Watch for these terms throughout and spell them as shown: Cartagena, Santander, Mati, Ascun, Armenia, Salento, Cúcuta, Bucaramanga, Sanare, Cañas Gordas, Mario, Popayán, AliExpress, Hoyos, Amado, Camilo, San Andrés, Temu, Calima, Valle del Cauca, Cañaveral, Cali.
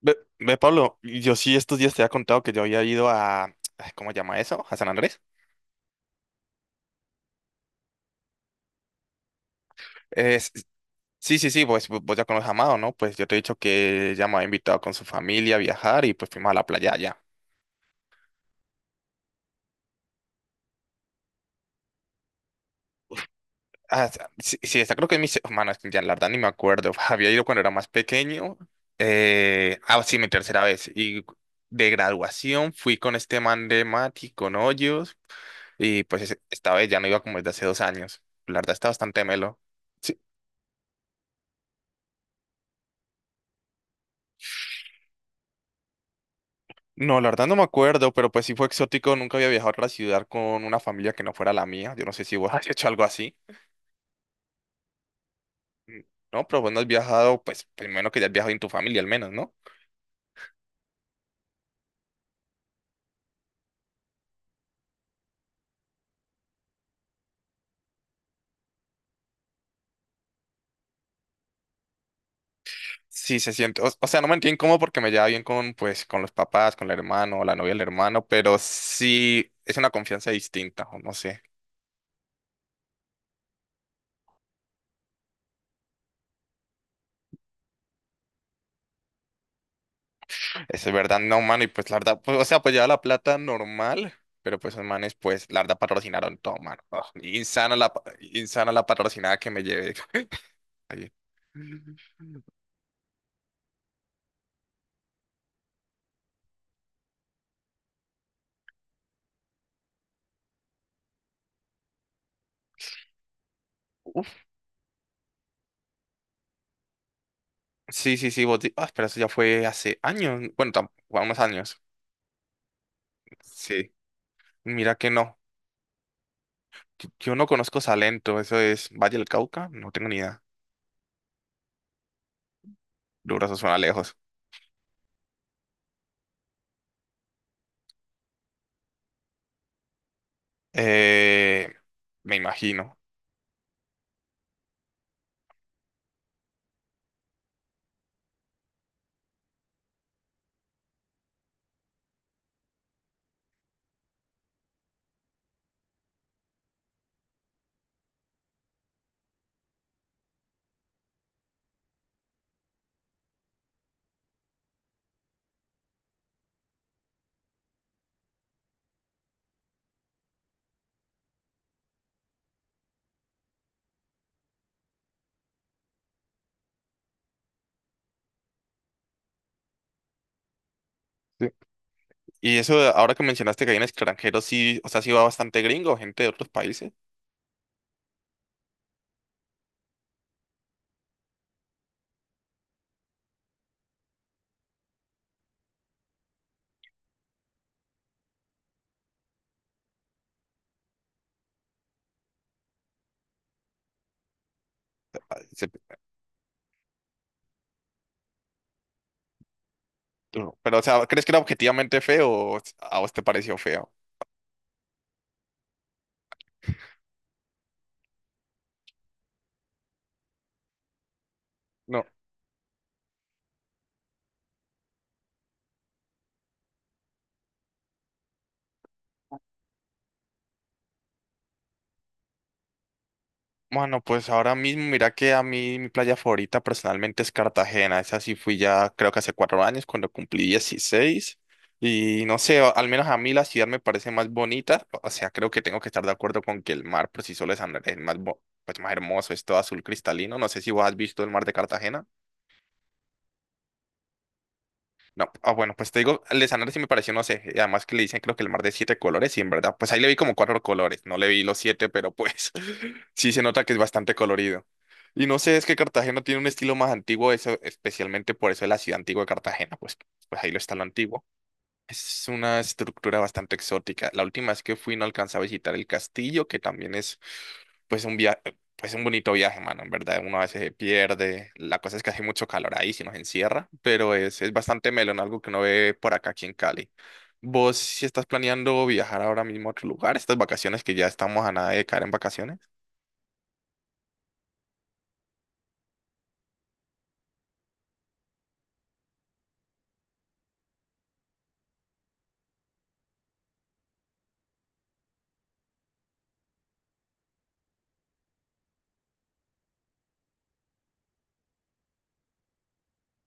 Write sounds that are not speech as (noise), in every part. Ve, ve, Pablo, yo sí estos días te había contado que yo había ido ay, ¿cómo se llama eso? ¿A San Andrés? Es- sí, sí, sí, pues vos ya conoces a Amado, ¿no? Pues yo te he dicho que ya me había invitado con su familia a viajar y pues fuimos a la playa allá. Ah, sí, sí, esa creo que es mi mano, es que ya la verdad ni me acuerdo. (laughs) Había ido cuando era más pequeño. Sí, mi tercera vez. Y de graduación fui con este man de Mati, con Hoyos. Y pues esta vez ya no iba como desde hace 2 años. La verdad está bastante melo. Sí. No, la verdad no me acuerdo, pero pues sí fue exótico. Nunca había viajado a otra ciudad con una familia que no fuera la mía. Yo no sé si vos has hecho algo así. Mm. No, pero vos no has viajado, pues primero que ya has viajado en tu familia al menos, ¿no? Sí, se siente. O sea, no me entiendo cómo porque me lleva bien con, pues, con los papás, con el hermano, la novia del hermano, pero sí es una confianza distinta, o no sé. Es verdad, no, mano. Y pues la verdad, pues, o sea, pues lleva la plata normal. Pero pues esos manes, pues, la verdad patrocinaron todo, mano. Ah, insana la patrocinada que me llevé. (laughs) Ayer. Uf, sí, sí, sí, ah, pero eso ya fue hace años. Bueno, unos años. Sí. Mira que no. Yo no conozco Salento. Eso es Valle del Cauca. No tengo ni idea. Duro, eso suena lejos. Eh, Me imagino. Sí. Y eso, ahora que mencionaste que hay en extranjero, sí, o sea, sí va bastante gringo, gente de otros países. Ah, se- Pero, o sea, ¿crees que era objetivamente feo o a vos te pareció feo? No. Bueno, pues ahora mismo, mira que a mí mi playa favorita personalmente es Cartagena. Esa sí fui ya creo que hace 4 años cuando cumplí 16. Y no sé, al menos a mí la ciudad me parece más bonita. O sea, creo que tengo que estar de acuerdo con que el mar por sí solo es Andrés, más hermoso, es todo azul cristalino. No sé si vos has visto el mar de Cartagena. No, bueno, pues te digo, el de Sanare sí me pareció, no sé, y además que le dicen creo que el mar de siete colores, y en verdad, pues ahí le vi como cuatro colores, no le vi los siete, pero pues (laughs) sí se nota que es bastante colorido. Y no sé, es que Cartagena tiene un estilo más antiguo, eso, especialmente por eso es la ciudad antigua de Cartagena, pues ahí lo está lo antiguo. Es una estructura bastante exótica. La última vez que fui no alcancé a visitar el castillo, que también es pues pues un bonito viaje, mano, en verdad. Uno a veces se pierde. La cosa es que hace mucho calor ahí, si nos encierra, pero es bastante melón, algo que uno ve por acá aquí en Cali. ¿Vos si estás planeando viajar ahora mismo a otro lugar, estas vacaciones que ya estamos a nada de caer en vacaciones?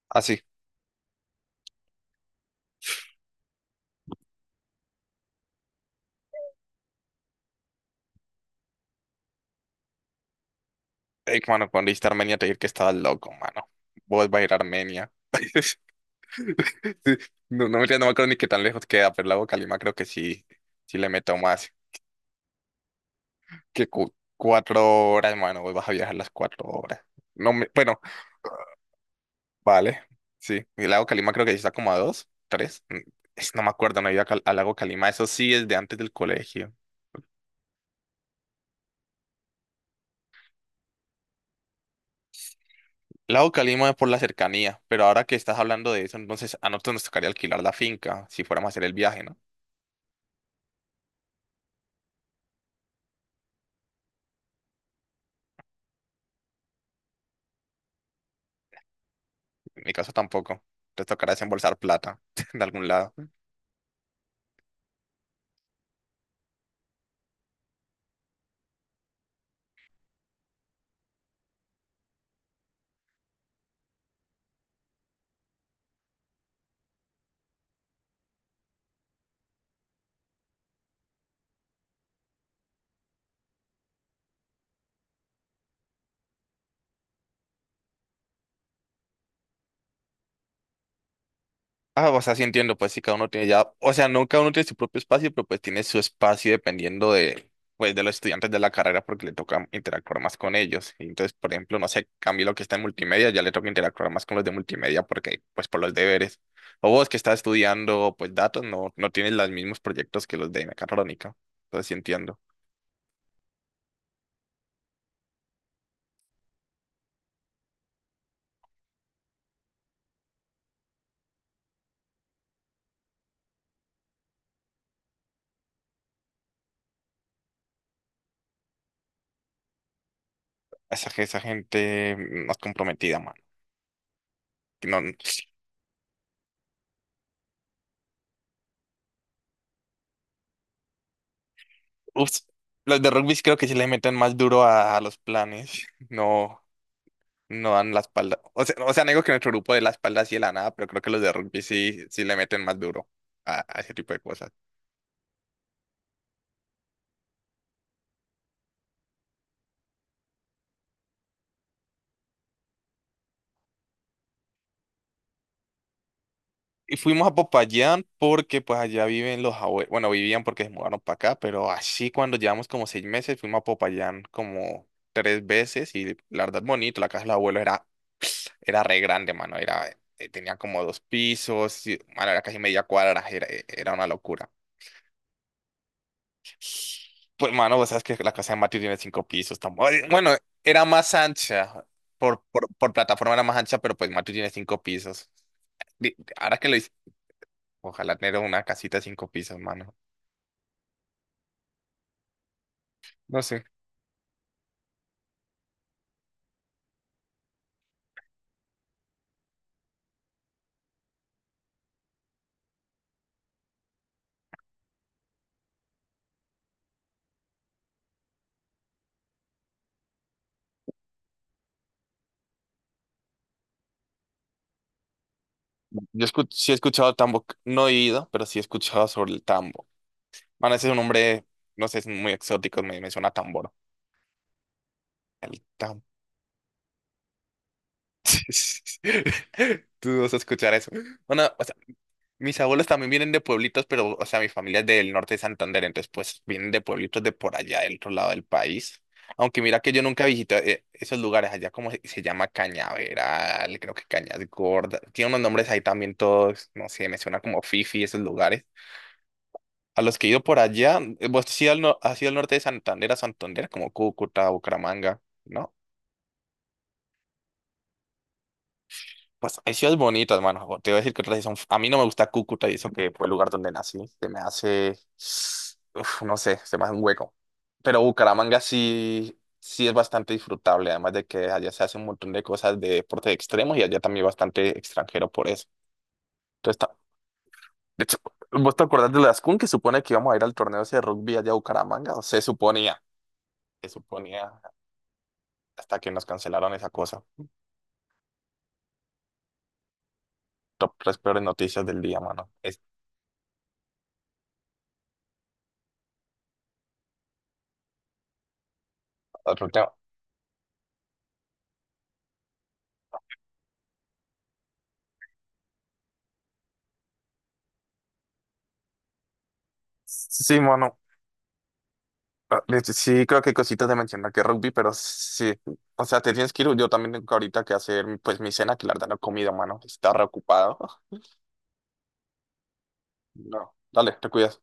Ah, sí. Ey, mano, cuando dijiste Armenia te dije que estabas loco, mano. Vos vas a ir a Armenia. (laughs) Sí. No, no, mentira, no me acuerdo ni qué tan lejos queda, pero el lago Calima creo que sí, sí le meto más que 4 horas, hermano, hoy vas a viajar las 4 horas. No me, bueno, vale, sí, el lago Calima creo que sí está como a dos, tres, no me acuerdo, no he ido a al lago Calima, eso sí es de antes del colegio. El lago Calima es por la cercanía, pero ahora que estás hablando de eso, entonces a nosotros nos tocaría alquilar la finca si fuéramos a hacer el viaje, ¿no? En mi caso tampoco, te tocará desembolsar plata (laughs) de algún lado. Ah, o sea, sí entiendo, pues sí, cada uno tiene ya, o sea, no cada uno tiene su propio espacio, pero pues tiene su espacio dependiendo de, pues, de los estudiantes de la carrera porque le toca interactuar más con ellos. Y entonces, por ejemplo, no sé, Camilo que está en multimedia, ya le toca interactuar más con los de multimedia porque, pues, por los deberes. O vos que estás estudiando, pues, datos, no, no tienes los mismos proyectos que los de mecatrónica. Entonces, sí entiendo. Esa gente más comprometida, man. Que no, ups, los de rugby creo que sí le meten más duro a los planes. (laughs) No. No dan la espalda. O sea, no digo que nuestro grupo de la espalda así de la nada, pero creo que los de rugby sí, sí le meten más duro a ese tipo de cosas. Y fuimos a Popayán porque pues allá viven los abuelos, bueno, vivían porque se mudaron para acá, pero así cuando llevamos como 6 meses fuimos a Popayán como tres veces y la verdad bonito, la casa de los abuelos era re grande, mano, tenía como dos pisos, y, mano, era casi media cuadra, era una locura. Pues, mano, vos sabes que la casa de Mario tiene cinco pisos. Bueno, era más ancha. Por plataforma era más ancha, pero pues Mario tiene cinco pisos. Ahora que lo hice, ojalá tener una casita de cinco pisos, mano. No sé. Sí he escuchado tambo, no he ido, pero sí he escuchado sobre el tambo. Mano, ese es un nombre, no sé, es muy exótico, me suena a tambor. El tambo. (laughs) Tú vas a escuchar eso. Bueno, mis abuelos también vienen de pueblitos, pero, o sea, mi familia es del norte de Santander, entonces, pues, vienen de pueblitos de por allá, del otro lado del país. Aunque mira que yo nunca visité esos lugares allá, como se llama Cañaveral, creo que Cañas Gordas. Tiene unos nombres ahí también todos, no sé, me suena como Fifi, esos lugares. A los que he ido por allá, vos has ido al, no- has ido al norte de Santander, a Santander, como Cúcuta, Bucaramanga, ¿no? Pues hay ciudades bonitas, mano. Te voy a decir que otras sí son. A mí no me gusta Cúcuta y eso que fue el lugar donde nací. Se me hace. Uf, no sé, se me hace un hueco. Pero Bucaramanga sí, sí es bastante disfrutable, además de que allá se hace un montón de cosas de deportes extremos y allá también hay bastante extranjero por eso. Entonces, de hecho, ¿vos te acordás de las Ascun que supone que íbamos a ir al torneo ese de rugby allá a Bucaramanga? O se suponía hasta que nos cancelaron esa cosa. Top tres peores noticias del día, mano. Es otro tema. Sí, mano. Ah, de Sí, creo que hay cositas de mencionar que rugby, pero sí, o sea, te tienes que ir, yo también tengo ahorita que hacer pues mi cena, que la verdad no he comido, mano, está reocupado. (laughs) No, dale, te cuidas.